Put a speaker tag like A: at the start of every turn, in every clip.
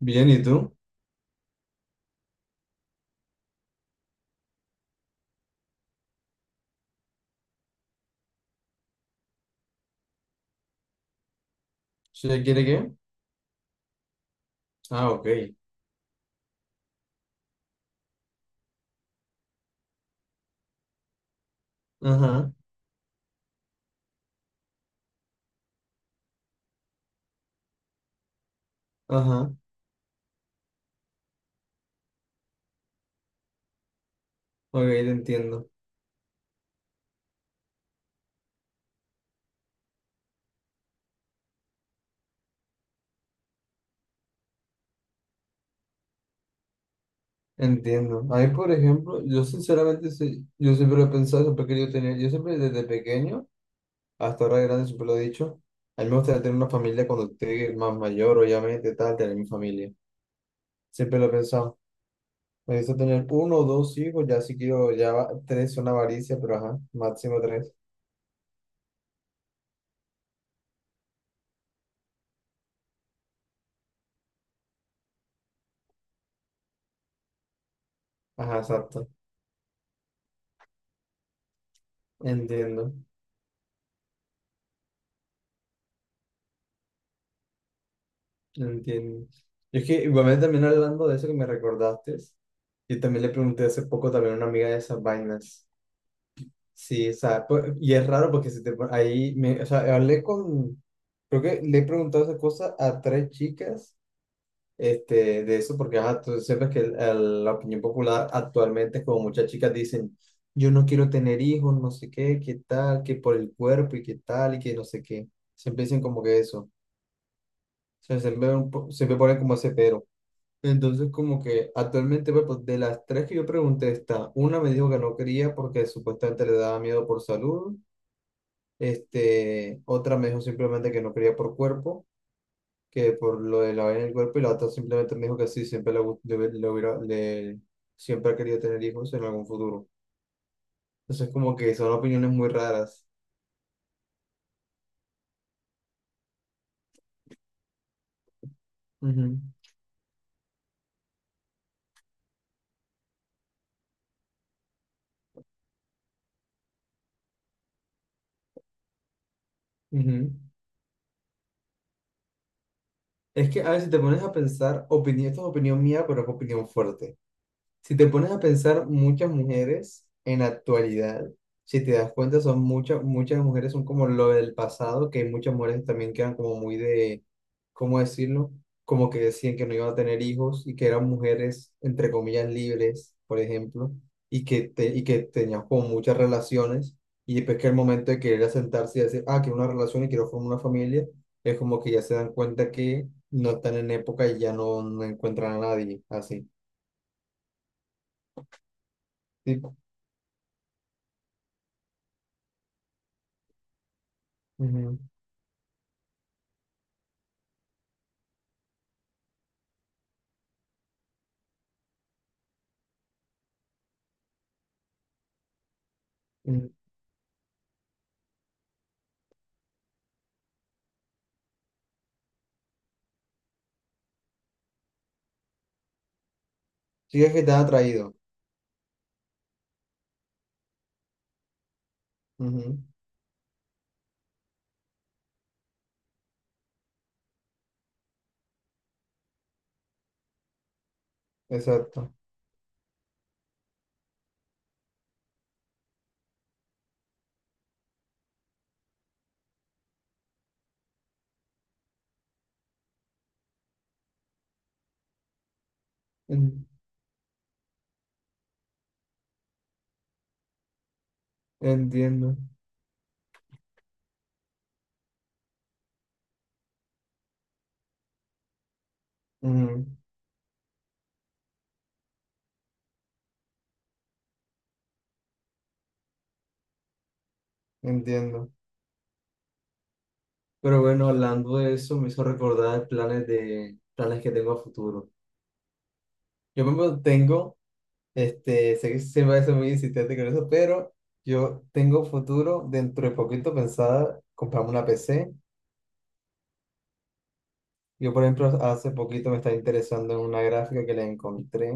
A: Bien, ¿y tú? ¿Sí? ¿Se le quiere qué? Ah, ok. Ajá, ajá. Ok, te entiendo. Entiendo. A mí, por ejemplo, yo sinceramente, sí, yo siempre lo he pensado, siempre he querido tener, yo siempre desde pequeño hasta ahora de grande siempre lo he dicho, a mí me gustaría tener una familia cuando esté más mayor, obviamente, tal, tener mi familia. Siempre lo he pensado. Me gusta tener uno o dos hijos, ya si quiero, tres son avaricia, pero ajá, máximo tres. Ajá, exacto. Entiendo. No, entiendo. Y es que igualmente también hablando de eso que me recordaste, yo también le pregunté hace poco también a una amiga de esas vainas. Sí, o sea, pues, y es raro porque si te pon- ahí, me, o sea, hablé con, creo que le he preguntado esa cosa a tres chicas, este, de eso, porque ajá, tú sabes que la opinión popular actualmente es como muchas chicas dicen, yo no quiero tener hijos, no sé qué, qué tal, que por el cuerpo y qué tal, y que no sé qué. Siempre dicen como que eso. O sea, siempre, siempre ponen como ese pero. Entonces, como que actualmente, pues, de las tres que yo pregunté, está, una me dijo que no quería porque supuestamente le daba miedo por salud, este, otra me dijo simplemente que no quería por cuerpo, que por lo de la vaina del cuerpo, y la otra simplemente me dijo que sí, siempre le, gu- le, hubi- le hubiera, le, siempre ha querido tener hijos en algún futuro. Entonces, como que son opiniones muy raras. Ujú, ujú. Es que a veces te pones a pensar, opinión, esto es opinión mía, pero es opinión fuerte. Si te pones a pensar, muchas mujeres en la actualidad, si te das cuenta, son muchas, muchas mujeres son como lo del pasado, que muchas mujeres también quedan como muy de, ¿cómo decirlo? Como que decían que no iban a tener hijos y que eran mujeres, entre comillas, libres, por ejemplo, y que tenían como muchas relaciones, y después que el momento de querer asentarse y decir, ah, quiero una relación y quiero formar una familia, es como que ya se dan cuenta que no están en época y ya no encuentran a nadie, así. Sí. Ujú. Mm, sí, es que te ha atraído. Ujú, exacto. En- Entiendo. Ujú, entiendo. Pero bueno, hablando de eso, me hizo recordar planes de planes que tengo a futuro. Yo mismo tengo, este, sé que siempre voy a ser muy insistente con eso, pero yo tengo futuro dentro de poquito pensada comprarme una PC. Yo, por ejemplo, hace poquito me estaba interesando en una gráfica que le encontré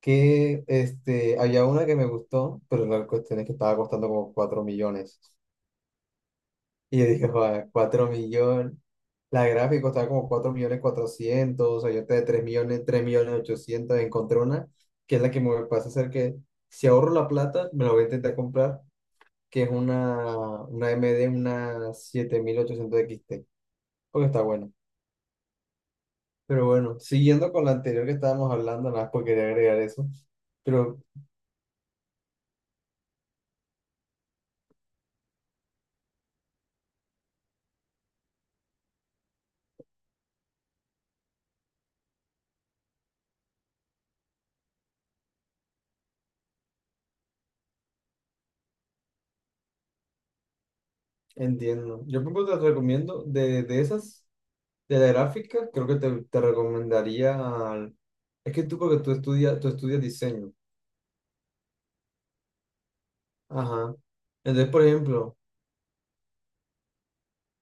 A: que este, había una que me gustó, pero la cuestión es que estaba costando como 4 millones. Y yo dije, joder, 4 millones. La gráfica estaba como 4 millones cuatrocientos, o sea, yo te de 3 millones, 3 millones ochocientos. Encontré una que es la que me pasa a hacer que si ahorro la plata, me la voy a intentar comprar, que es una, MD, una 7800 XT, porque está buena. Pero bueno, siguiendo con la anterior que estábamos hablando, nada más porque quería agregar eso. Pero entiendo. Yo, por ejemplo, te recomiendo de esas, de la gráfica, creo que te recomendaría. Es que tú, porque tú estudias diseño. Ajá. Entonces, por ejemplo,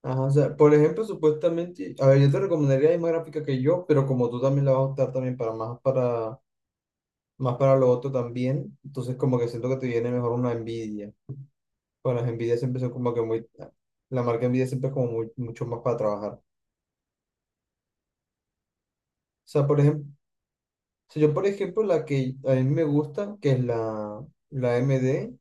A: ajá, o sea, por ejemplo, supuestamente, a ver, yo te recomendaría la misma gráfica que yo, pero como tú también la vas a optar también para más para más para lo otro también, entonces como que siento que te viene mejor una envidia. Con las envidias siempre son como que muy, la marca envidia siempre es como muy, mucho más para trabajar. O sea, por ejemplo, si yo por ejemplo la que a mí me gusta, que es la MD,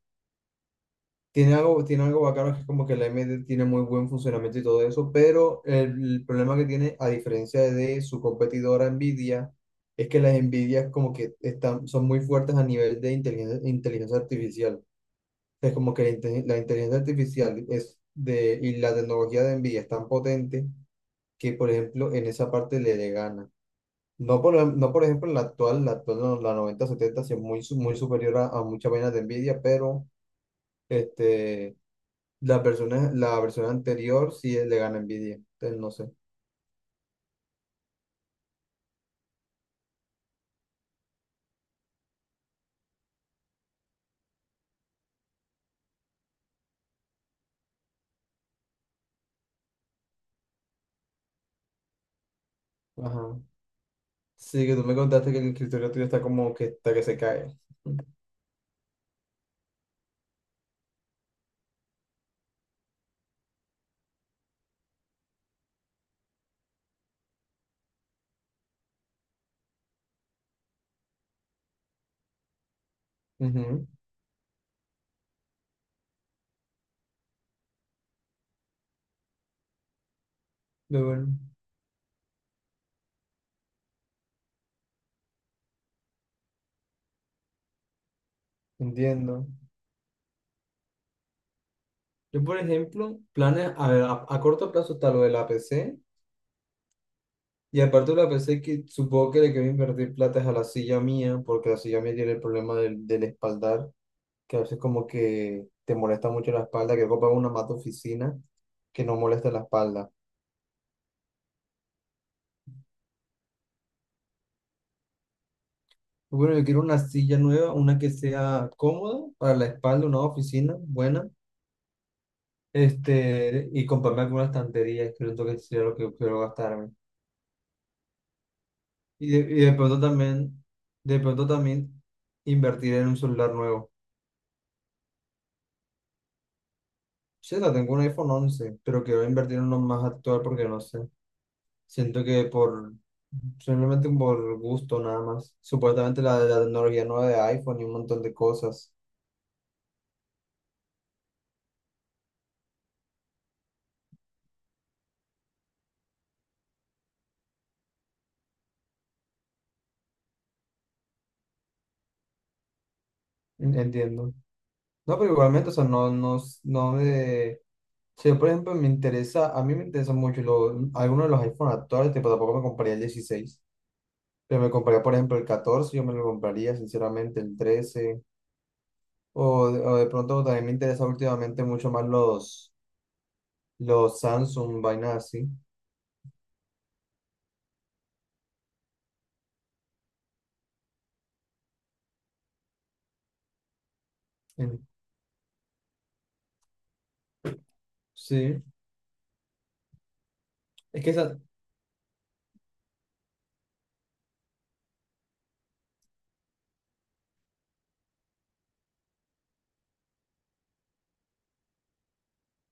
A: tiene algo, tiene algo bacano, que es como que la AMD tiene muy buen funcionamiento y todo eso, pero problema que tiene, a diferencia de su competidora Nvidia, es que las Nvidia como que están, son muy fuertes a nivel de inteligencia, inteligencia artificial. Es como que la inteligencia artificial es de, y la tecnología de Nvidia es tan potente que, por ejemplo, en esa parte le gana. No, por ejemplo, en la actual, no, la 9070 sí es muy, muy superior a muchas vainas de Nvidia, pero... Este, la versión anterior sí le gana envidia. Entonces, no sé. Ajá. Sí, que tú me contaste que el escritorio tuyo está como que está que se cae. Ujú. Yo, bueno, entiendo. Yo, por ejemplo, planes, a ver, a corto plazo está lo del APC. Y aparte de la APC, que supongo que le quiero invertir plata es a la silla mía, porque la silla mía tiene el problema del espaldar, que a veces como que te molesta mucho la espalda, que comprar una mata oficina que no moleste la espalda. Bueno, yo quiero una silla nueva, una que sea cómoda para la espalda, una oficina buena, este, y comprarme alguna estantería, creo que sería lo que quiero gastarme. Y de, y de pronto también, de pronto también invertir en un celular nuevo. Sí, la tengo un iPhone 11, pero quiero invertir en uno más actual porque no sé. Siento que simplemente por gusto nada más. Supuestamente la tecnología nueva de iPhone y un montón de cosas. Entiendo. No, pero igualmente, o sea, no, no, no me. Sí, por ejemplo, me interesa, a mí me interesa mucho algunos de los iPhone actuales, tipo, tampoco me compraría el 16, pero me compraría, por ejemplo, el 14, yo me lo compraría, sinceramente, el 13, o de pronto también me interesa últimamente mucho más los, Samsung, vainas así. En- Sí, es que esa,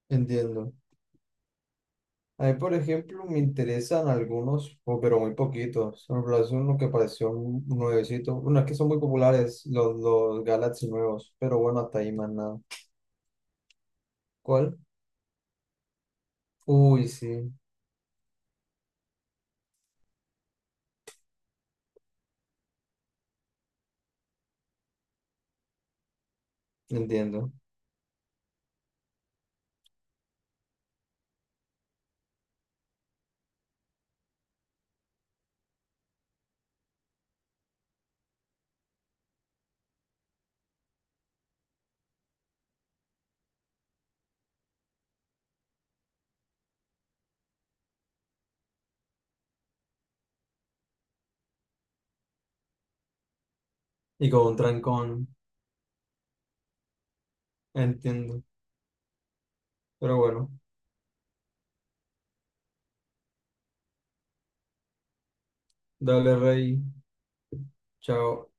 A: entiendo. A mí, por ejemplo, me interesan algunos, pero muy poquitos. Por ejemplo, es uno que pareció un nuevecito. Bueno, es que son muy populares los, Galaxy nuevos, pero bueno, hasta ahí más nada. ¿Cuál? Uy, sí, entiendo. Y con un trancón, entiendo. Pero bueno, dale, Rey. Chao.